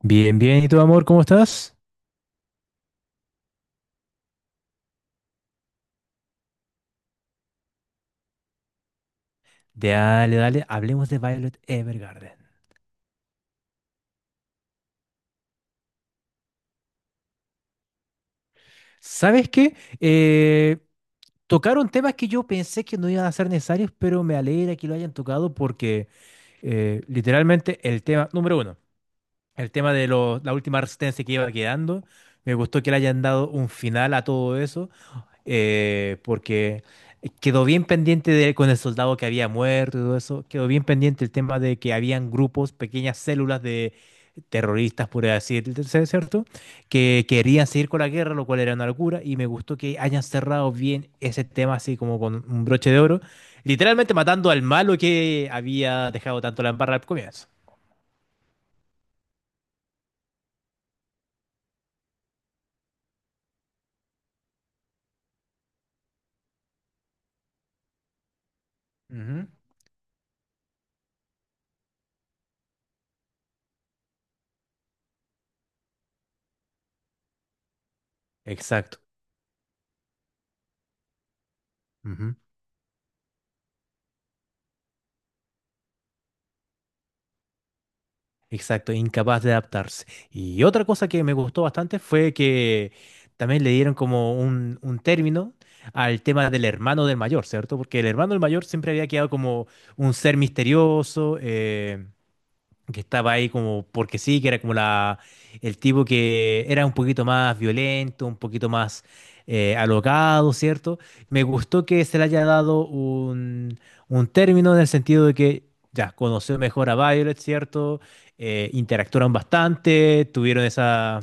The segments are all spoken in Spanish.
Bien, bien, ¿y tu amor, cómo estás? Dale, dale, hablemos de Violet Evergarden. ¿Sabes qué? Tocaron temas que yo pensé que no iban a ser necesarios, pero me alegra que lo hayan tocado porque literalmente el tema, número uno, el tema de la última resistencia que iba quedando, me gustó que le hayan dado un final a todo eso. Porque quedó bien pendiente con el soldado que había muerto y todo eso, quedó bien pendiente el tema de que habían grupos, pequeñas células de terroristas, por así decirlo, ¿cierto? Que querían seguir con la guerra, lo cual era una locura, y me gustó que hayan cerrado bien ese tema así como con un broche de oro, literalmente matando al malo que había dejado tanto la embarra al comienzo. Ujú. Exacto. Exacto, incapaz de adaptarse. Y otra cosa que me gustó bastante fue que también le dieron como un término al tema del hermano del mayor, ¿cierto? Porque el hermano del mayor siempre había quedado como un ser misterioso, que estaba ahí como porque sí, que era como el tipo que era un poquito más violento, un poquito más alocado, ¿cierto? Me gustó que se le haya dado un término en el sentido de que ya conoció mejor a Violet, ¿cierto? Interactuaron bastante, tuvieron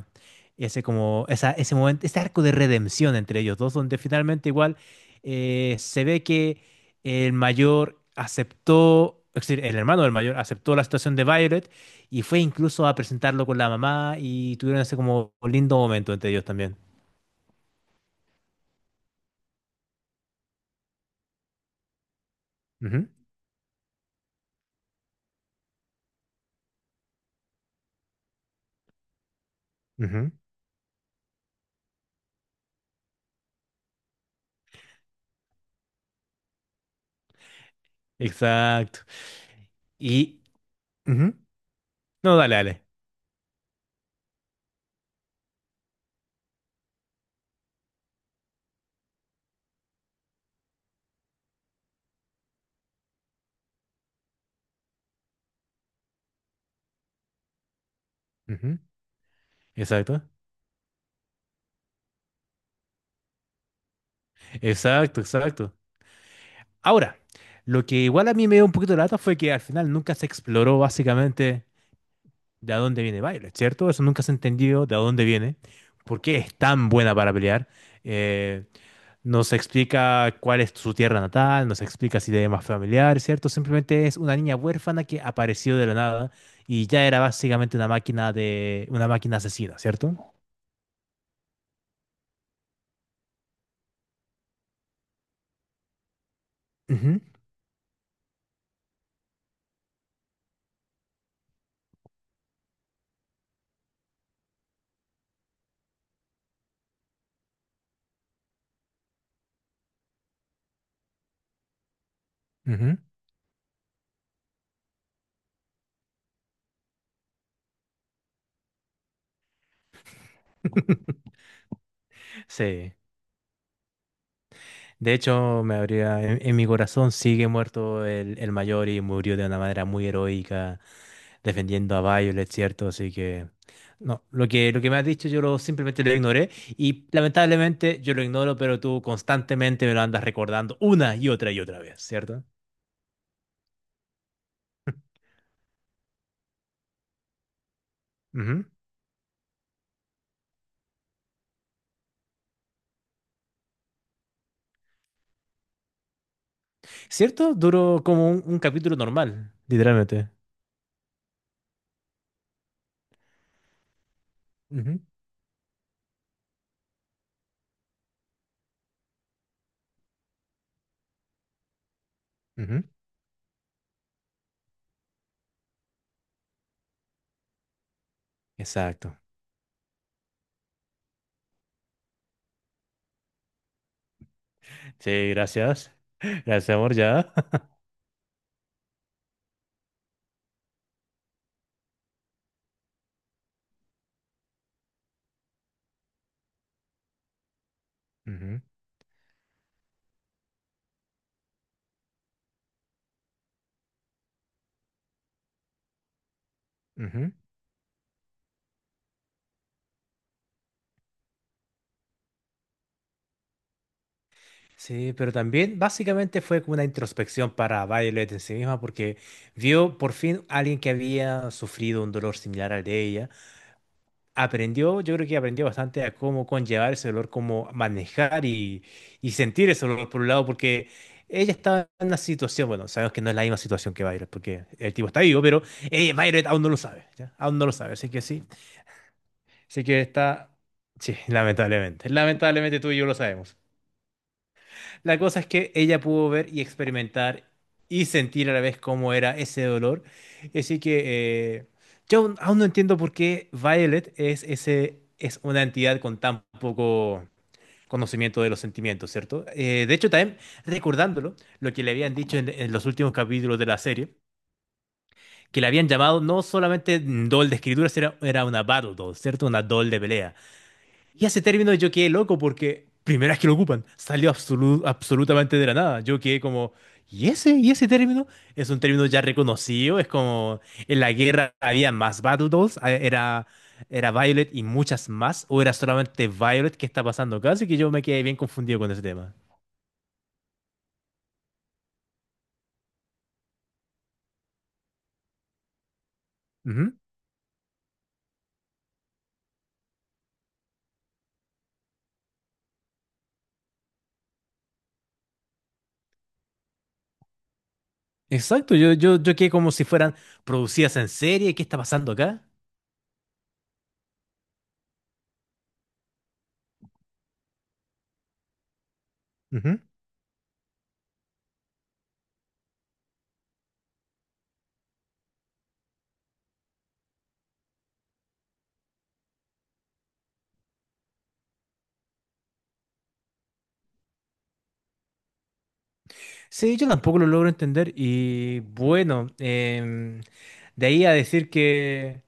ese momento, ese arco de redención entre ellos dos, donde finalmente igual se ve que el mayor aceptó, es decir, el hermano del mayor aceptó la situación de Violet y fue incluso a presentarlo con la mamá y tuvieron ese como lindo momento entre ellos también. Ujú, ujú, exacto. Y... ujú. No, dale, dale. Ujú, exacto. Exacto, exacto. Ahora, lo que igual a mí me dio un poquito de lata fue que al final nunca se exploró básicamente de a dónde viene Violet, ¿cierto? Eso nunca se entendió de a dónde viene, por qué es tan buena para pelear. Eh, Nos explica cuál es su tierra natal, nos explica si tiene más familiar, ¿cierto? Simplemente es una niña huérfana que apareció de la nada y ya era básicamente una máquina de una máquina asesina, ¿cierto? Ujú, ujú. Sí. De hecho, me habría en mi corazón sigue muerto el mayor y murió de una manera muy heroica, defendiendo a Violet, ¿cierto? Así que no, lo que me has dicho yo lo, simplemente lo ignoré y lamentablemente yo lo ignoro, pero tú constantemente me lo andas recordando una y otra vez, ¿cierto? Ujú. ¿Cierto? Duró como un capítulo normal, literalmente. Ujú, ujú. Exacto. Sí, gracias. Gracias, amor, ya. Ujú, ujú. Sí, pero también básicamente fue como una introspección para Violet en sí misma porque vio por fin a alguien que había sufrido un dolor similar al de ella. Aprendió, yo creo que aprendió bastante a cómo conllevar ese dolor, cómo manejar y sentir ese dolor por un lado, porque ella estaba en una situación, bueno, sabemos que no es la misma situación que Violet, porque el tipo está vivo, pero Violet aún no lo sabe, ¿ya? Aún no lo sabe, así que sí, así que está, sí, lamentablemente, lamentablemente tú y yo lo sabemos. La cosa es que ella pudo ver y experimentar y sentir a la vez cómo era ese dolor. Así que yo aún no entiendo por qué Violet es una entidad con tan poco conocimiento de los sentimientos, ¿cierto? De hecho, también recordándolo, lo que le habían dicho en los últimos capítulos de la serie, que le habían llamado no solamente doll de escritura, era una battle doll, ¿cierto? Una doll de pelea. Y ese término yo quedé loco porque primera vez que lo ocupan, salió absolutamente de la nada. Yo quedé como, ¿y ese? ¿Y ese término? Es un término ya reconocido, es como en la guerra había más Battle Dolls, era Violet y muchas más, o era solamente Violet que está pasando acá, así que yo me quedé bien confundido con ese tema. Ujú. Exacto, yo quedé como si fueran producidas en serie, ¿qué está pasando acá? Ujú. Sí, yo tampoco lo logro entender y bueno, de ahí a decir que...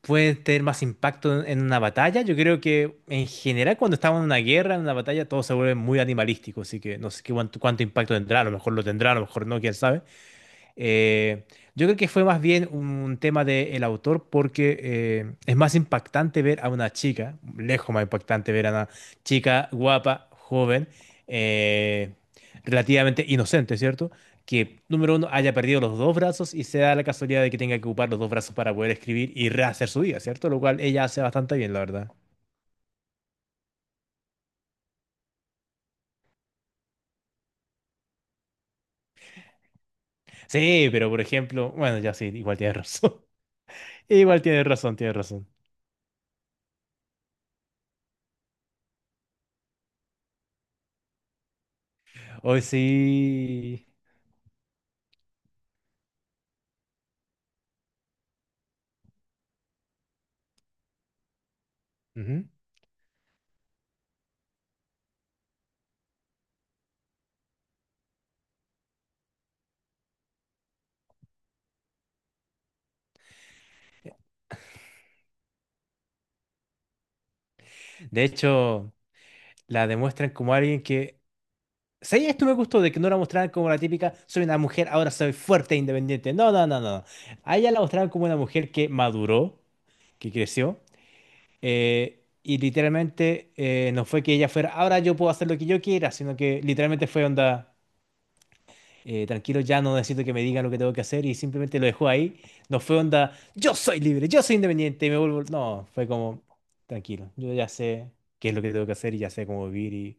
pueden tener más impacto en una batalla. Yo creo que en general cuando estamos en una guerra, en una batalla, todo se vuelve muy animalístico, así que no sé qué cuánto impacto tendrá, a lo mejor lo tendrá, a lo mejor no, quién sabe. Eh, yo creo que fue más bien un tema del autor porque es más impactante ver a una chica, lejos más impactante ver a una chica guapa, joven, eh, relativamente inocente, ¿cierto? Que, número uno, haya perdido los dos brazos y se da la casualidad de que tenga que ocupar los dos brazos para poder escribir y rehacer su vida, ¿cierto? Lo cual ella hace bastante bien, la verdad. Sí, pero por ejemplo, bueno, ya sí, igual tienes razón. Igual tienes razón, tienes razón. Hoy sí. Ujú. De hecho. La demuestran como alguien que... ¿Sabes? Esto me gustó de que no la mostraran como la típica, soy una mujer, ahora soy fuerte e independiente. No, no, no, no. A ella la mostraron como una mujer que maduró, que creció, y literalmente no fue que ella fuera, ahora yo puedo hacer lo que yo quiera, sino que literalmente fue onda, tranquilo, ya no necesito que me digan lo que tengo que hacer y simplemente lo dejó ahí. No fue onda, yo soy libre, yo soy independiente y me vuelvo... No, fue como, tranquilo, yo ya sé qué es lo que tengo que hacer y ya sé cómo vivir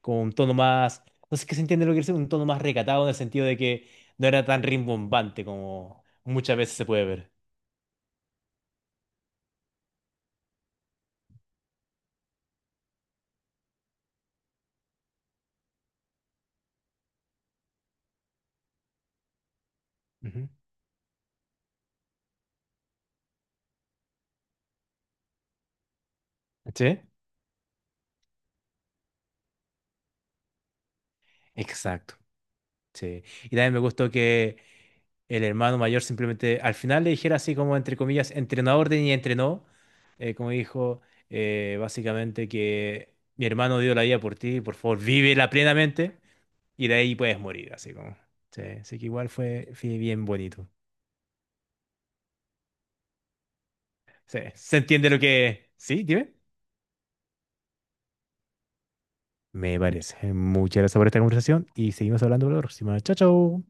con un tono más, no sé qué se entiende lo que quiere decir, un tono más recatado en el sentido de que no era tan rimbombante como muchas veces se puede ver. Ujú. ¿Sí? Exacto. Sí. Y también me gustó que el hermano mayor simplemente al final le dijera así como entre comillas, entrenó a orden y entrenó, como dijo, básicamente que mi hermano dio la vida por ti, por favor, vívela plenamente y de ahí puedes morir, así como. Sí, así que igual fue, fue bien bonito. Sí, ¿se entiende lo que... Sí, dime? Me parece. Muchas gracias por esta conversación y seguimos hablando la próxima. Chao, chao.